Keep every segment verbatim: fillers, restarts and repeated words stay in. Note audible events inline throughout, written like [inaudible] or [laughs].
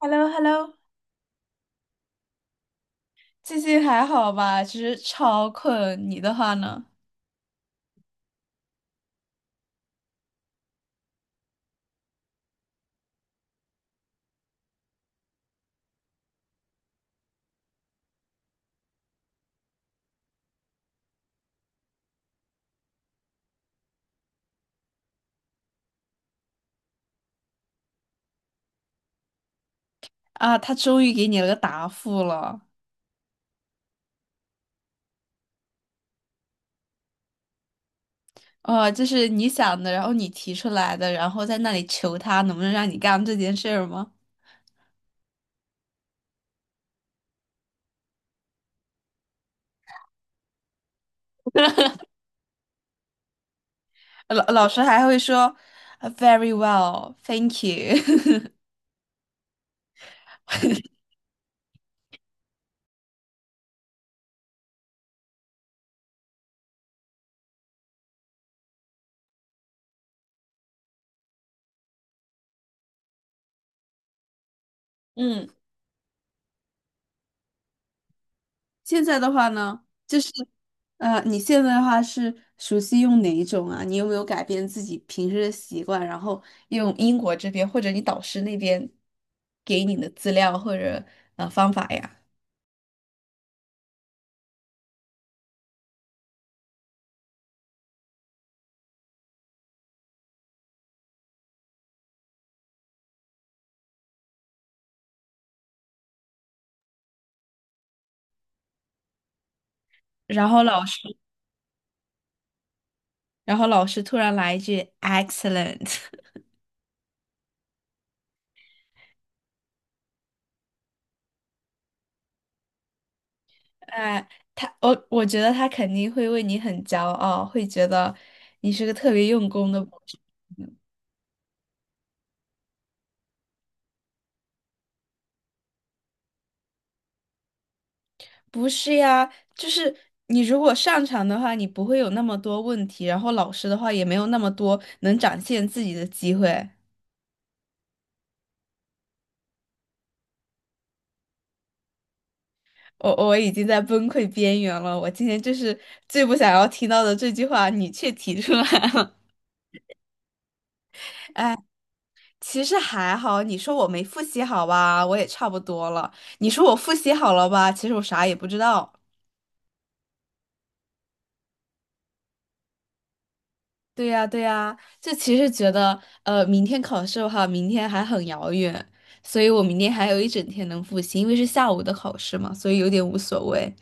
h e l l o h e l l o 最近还好吧？其实超困，你的话呢？啊，他终于给你了个答复了。哦，就是你想的，然后你提出来的，然后在那里求他能不能让你干这件事儿吗？老老师还会说 u v e r y well, thank you。 [laughs] 嗯。现在的话呢，就是，呃，你现在的话是熟悉用哪一种啊？你有没有改变自己平时的习惯，然后用英国这边或者你导师那边给你的资料或者呃方法呀？然后老师，然后老师突然来一句 excellent。[laughs] 哎，他我我觉得他肯定会为你很骄傲，会觉得你是个特别用功的博士。不是呀，就是你如果擅长的话，你不会有那么多问题，然后老师的话也没有那么多能展现自己的机会。我我已经在崩溃边缘了，我今天就是最不想要听到的这句话，你却提出来了。[laughs] 其实还好，你说我没复习好吧，我也差不多了。你说我复习好了吧，其实我啥也不知道。对呀，对呀，就其实觉得，呃，明天考试的话，明天还很遥远，所以我明天还有一整天能复习，因为是下午的考试嘛，所以有点无所谓。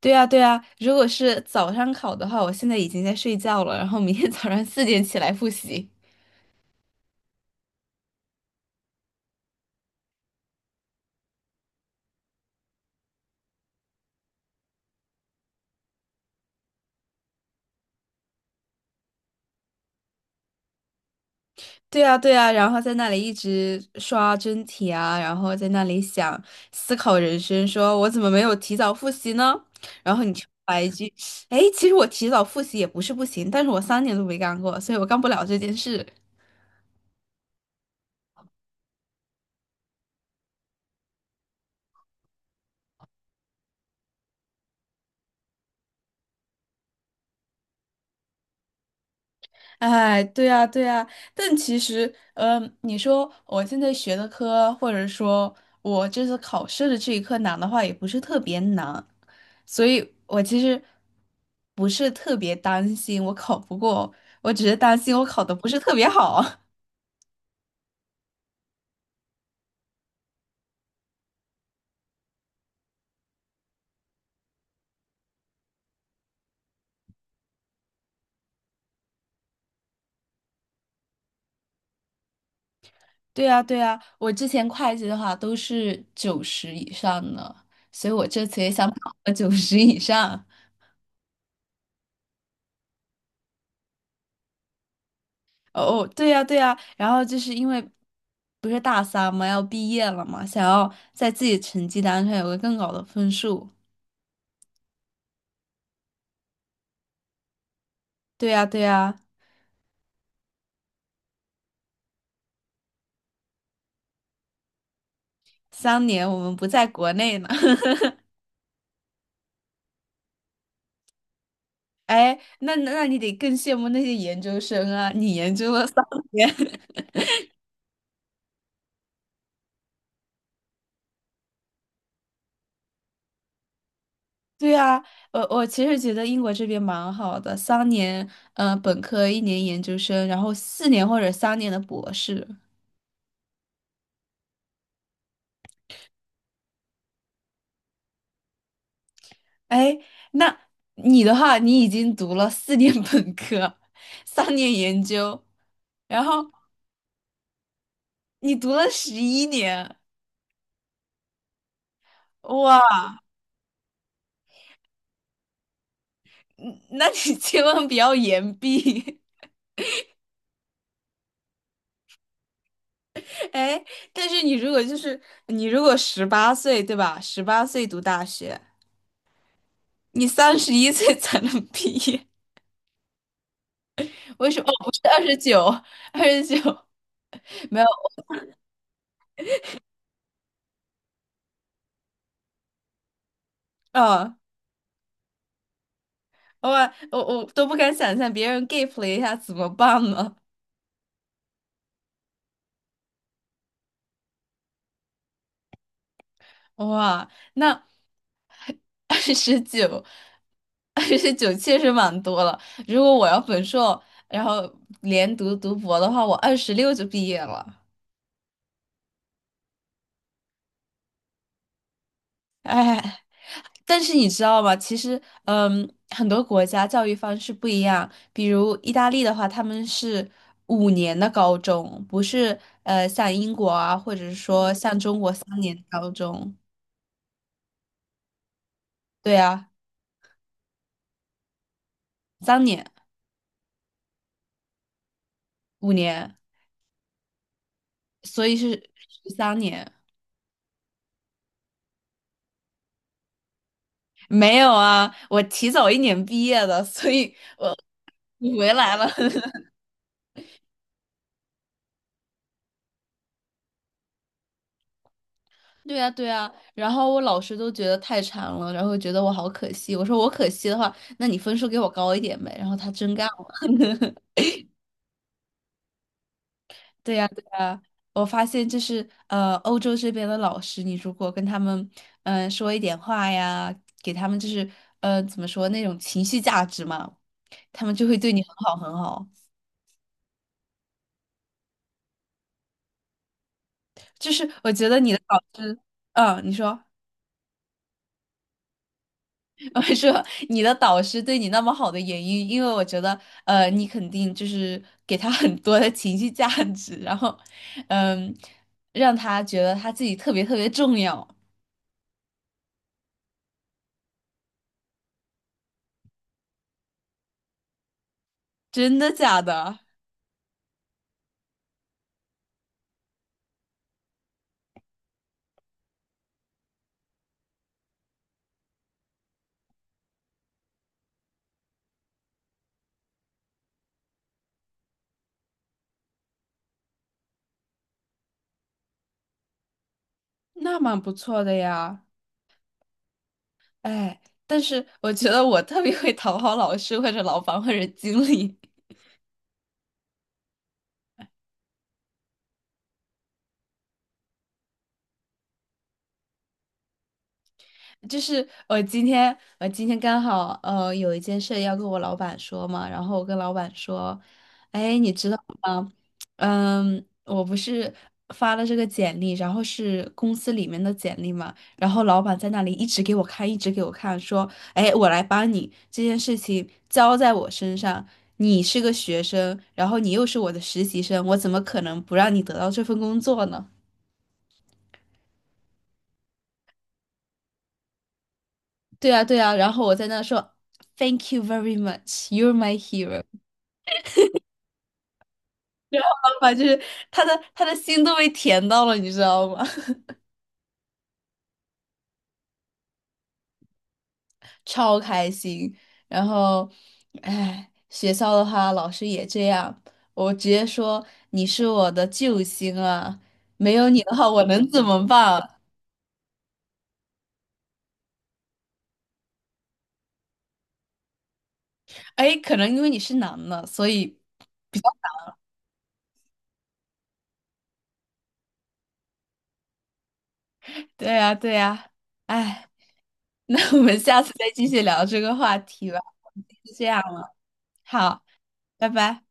对呀，对呀，如果是早上考的话，我现在已经在睡觉了，然后明天早上四点起来复习。对啊，对啊，然后在那里一直刷真题啊，然后在那里想思考人生，说我怎么没有提早复习呢？然后你就来一句，哎，其实我提早复习也不是不行，但是我三年都没干过，所以我干不了这件事。哎，对呀，对呀，但其实，嗯，你说我现在学的科，或者说我这次考试的这一科难的话，也不是特别难，所以我其实不是特别担心我考不过，我只是担心我考的不是特别好。[laughs] 对呀，对呀，我之前会计的话都是九十以上的，所以我这次也想考个九十以上。哦，对呀，对呀，然后就是因为不是大三嘛，要毕业了嘛，想要在自己成绩单上有个更高的分数。对呀，对呀，三年我们不在国内呢。[laughs] 哎，那那那你得更羡慕那些研究生啊，你研究了三年。[laughs] 对呀，我我其实觉得英国这边蛮好的，三年，嗯，本科一年研究生，然后四年或者三年的博士。哎，那你的话，你已经读了四年本科，三年研究，然后你读了十一年，哇，嗯那你 [laughs] 千万不要延毕。[laughs] 哎，但是你如果就是你如果十八岁，对吧？十八岁读大学，你三十一岁才能毕业，[laughs] 为什么？哦，不是二十九，二十九没有，啊？我我我都不敢想象别人 gap 了一下怎么办呢？哇，那 [laughs] 二十九，二十九确实蛮多了。如果我要本硕，然后连读读博的话，我二十六就毕业了。哎，但是你知道吗？其实，嗯，很多国家教育方式不一样。比如意大利的话，他们是五年的高中，不是呃像英国啊，或者是说像中国三年的高中。对啊，三年、五年，所以是十三年。没有啊，我提早一年毕业的，所以我你回来了。[laughs] 对呀，对呀，然后我老师都觉得太馋了，然后觉得我好可惜。我说我可惜的话，那你分数给我高一点呗。然后他真干了。[laughs] 对呀，对呀，我发现就是呃，欧洲这边的老师，你如果跟他们嗯、呃说一点话呀，给他们就是呃怎么说那种情绪价值嘛，他们就会对你很好很好。就是我觉得你的老师，嗯，你说。[laughs] 我说你的导师对你那么好的原因，因为我觉得，呃，你肯定就是给他很多的情绪价值，然后，嗯，让他觉得他自己特别特别重要，真的假的？[laughs] 那蛮不错的呀，哎，但是我觉得我特别会讨好老师或者老板或者经理。就是我今天，我今天刚好呃有一件事要跟我老板说嘛，然后我跟老板说，哎，你知道吗？嗯，我不是发了这个简历，然后是公司里面的简历嘛，然后老板在那里一直给我看，一直给我看，说，哎，我来帮你，这件事情交在我身上，你是个学生，然后你又是我的实习生，我怎么可能不让你得到这份工作呢？对啊，对啊，然后我在那说 Thank you very much, you're my hero。方法就是他的他的心都被甜到了，你知道吗？[laughs] 超开心。然后，哎，学校的话，老师也这样，我直接说你是我的救星啊，没有你的话，我能怎么办啊？哎，可能因为你是男的，所以对呀，对呀。哎，那我们下次再继续聊这个话题吧，就这样了。好，拜拜。